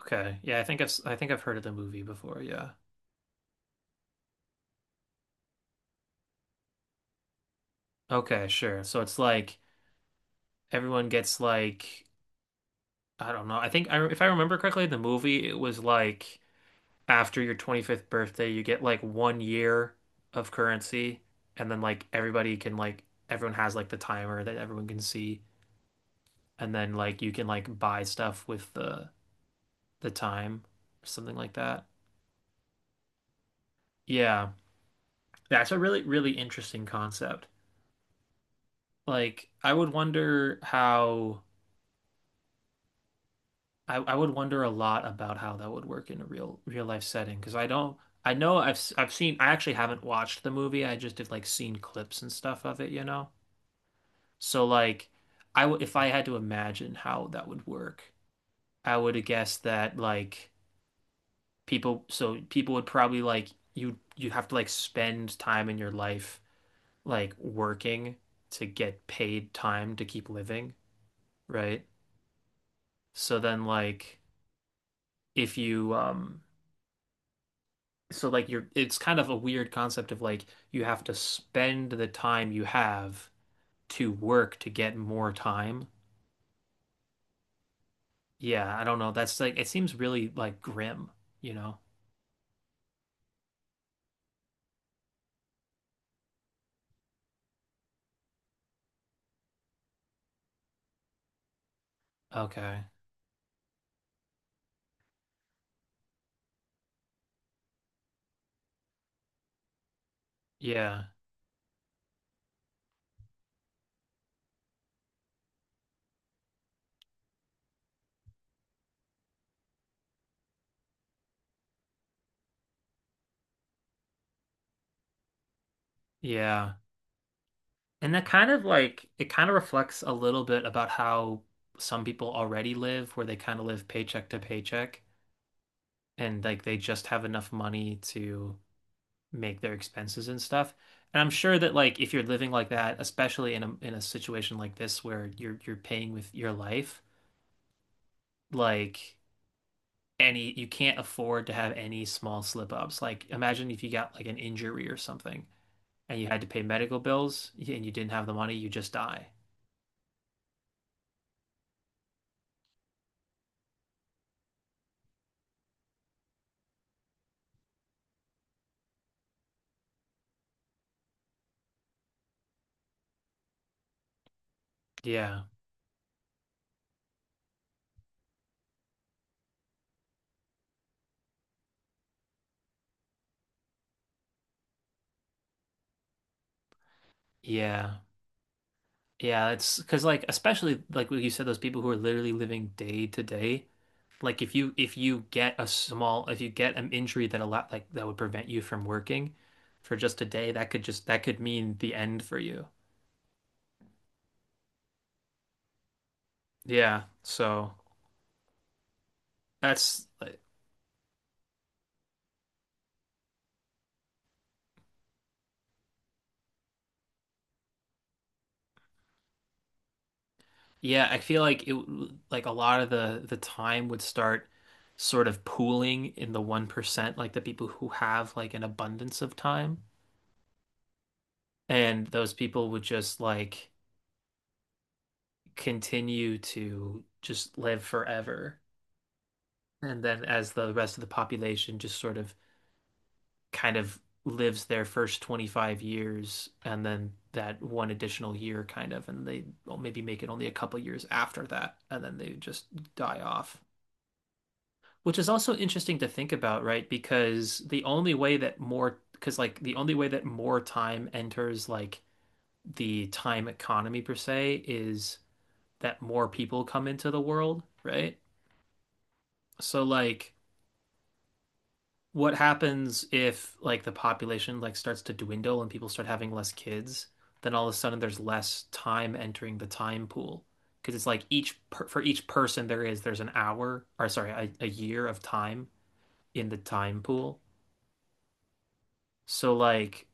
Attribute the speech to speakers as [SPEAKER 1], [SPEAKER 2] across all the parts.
[SPEAKER 1] Okay. Yeah, I think I think I've heard of the movie before. Yeah. Okay, sure. So it's like everyone gets like I don't know. I think I If I remember correctly, the movie it was like after your 25th birthday, you get like 1 year of currency, and then like everybody can like everyone has like the timer that everyone can see, and then like you can like buy stuff with the time or something like that. Yeah. That's a really really interesting concept. Like I would wonder how I would wonder a lot about how that would work in a real real life setting because I don't I know I've seen, I actually haven't watched the movie, I just have like seen clips and stuff of it, you know, so like I w if I had to imagine how that would work, I would guess that like people would probably like you'd have to like spend time in your life like working to get paid time to keep living, right? So then like if you so like you're, it's kind of a weird concept of like you have to spend the time you have to work to get more time. Yeah, I don't know. That's like it seems really like grim, you know? Okay. Yeah. Yeah. And that kind of like it kind of reflects a little bit about how some people already live, where they kind of live paycheck to paycheck, and like they just have enough money to make their expenses and stuff. And I'm sure that like if you're living like that, especially in a situation like this where you're paying with your life, like any you can't afford to have any small slip ups. Like imagine if you got like an injury or something and you had to pay medical bills and you didn't have the money, you just die. Yeah. Yeah. Yeah, it's because like especially like what you said, those people who are literally living day to day. Like if you get a small, if you get an injury that a lot like that would prevent you from working for just a day, that could just that could mean the end for you. Yeah. So that's like, yeah, I feel like it like a lot of the time would start sort of pooling in the 1%, like the people who have like an abundance of time. And those people would just like continue to just live forever. And then as the rest of the population just sort of kind of lives their first 25 years, and then that one additional year kind of, and they well, maybe make it only a couple years after that, and then they just die off, which is also interesting to think about, right? Because the only way that more time enters like the time economy per se is that more people come into the world, right? So like what happens if like the population like starts to dwindle and people start having less kids, then all of a sudden there's less time entering the time pool. Because it's like each per for each person there's an hour, or sorry, a year of time in the time pool. So like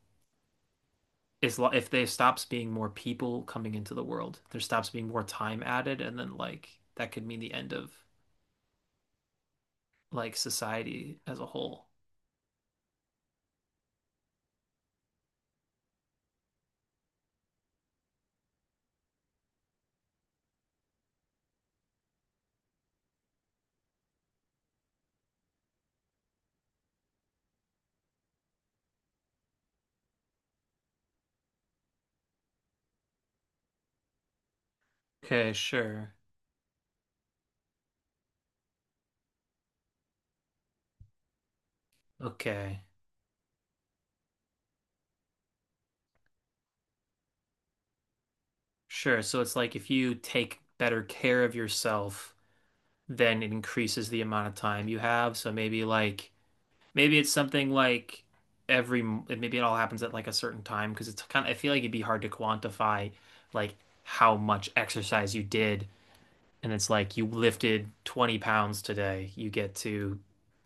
[SPEAKER 1] as if there stops being more people coming into the world, there stops being more time added, and then like that could mean the end of like society as a whole. Okay, sure. Okay. Sure. So it's like if you take better care of yourself, then it increases the amount of time you have. So maybe like maybe it's something like every maybe it all happens at like a certain time, because it's kind of I feel like it'd be hard to quantify like how much exercise you did. And it's like you lifted 20 pounds today, you get to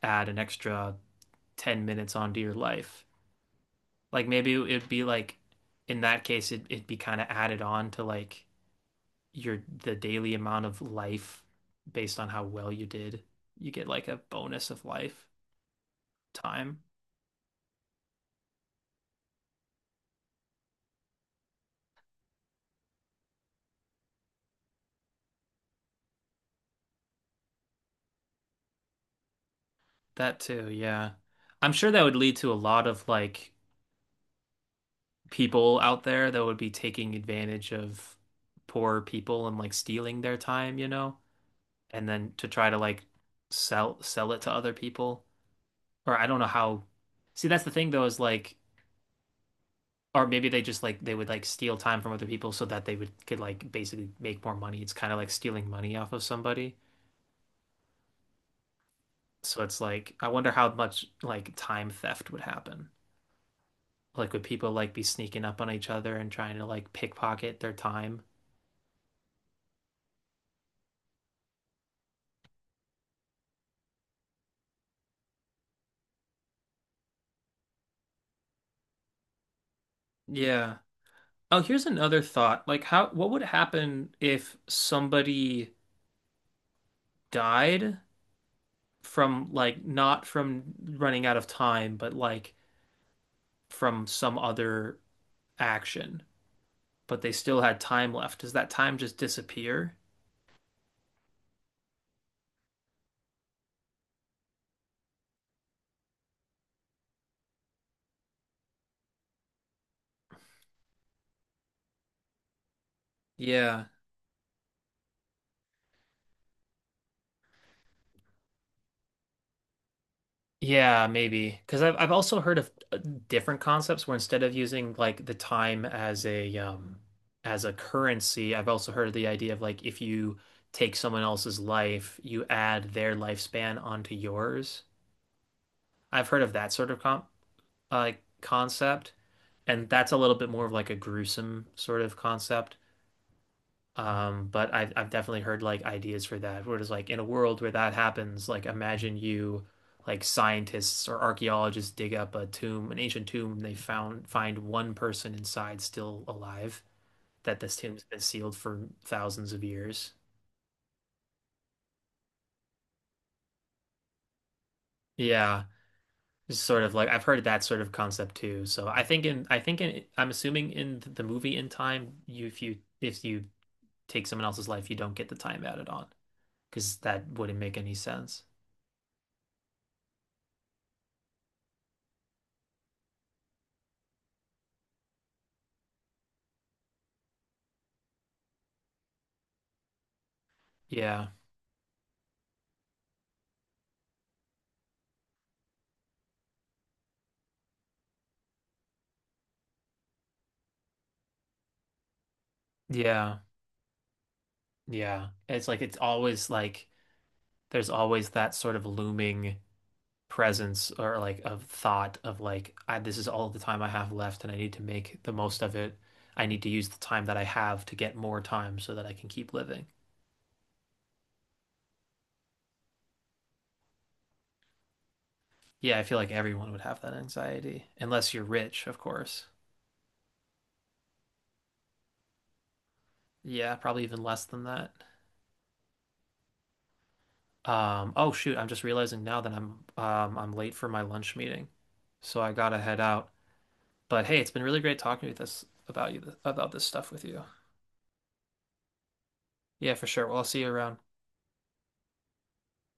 [SPEAKER 1] add an extra 10 minutes onto your life. Like maybe it'd be like in that case it'd be kind of added on to like your the daily amount of life based on how well you did. You get like a bonus of life time. That too, yeah. I'm sure that would lead to a lot of like people out there that would be taking advantage of poor people and like stealing their time, you know, and then to try to like sell it to other people. Or I don't know how. See, that's the thing though, is like or maybe they just like they would like steal time from other people so that they would could like basically make more money. It's kind of like stealing money off of somebody. So it's like I wonder how much like time theft would happen. Like would people like be sneaking up on each other and trying to like pickpocket their time? Yeah. Oh, here's another thought. Like how what would happen if somebody died from like not from running out of time, but like from some other action? But they still had time left. Does that time just disappear? Yeah. Yeah, maybe. Because I've also heard of different concepts where instead of using like the time as a currency, I've also heard of the idea of like if you take someone else's life, you add their lifespan onto yours. I've heard of that sort of com uh, concept, and that's a little bit more of like a gruesome sort of concept. But I've definitely heard like ideas for that, where it's like in a world where that happens, like imagine you like scientists or archaeologists dig up a tomb, an ancient tomb, and they found find one person inside still alive, that this tomb's been sealed for thousands of years. Yeah. It's sort of like I've heard of that sort of concept too. So I'm assuming in the movie In Time, you if you take someone else's life, you don't get the time added on, because that wouldn't make any sense. Yeah. Yeah. Yeah. It's like it's always like there's always that sort of looming presence, or like of thought of like I, this is all the time I have left and I need to make the most of it. I need to use the time that I have to get more time so that I can keep living. Yeah, I feel like everyone would have that anxiety unless you're rich, of course. Yeah, probably even less than that. Oh shoot, I'm just realizing now that I'm late for my lunch meeting, so I gotta head out. But hey, it's been really great talking with this about you about this stuff with you. Yeah, for sure. Well, I'll see you around.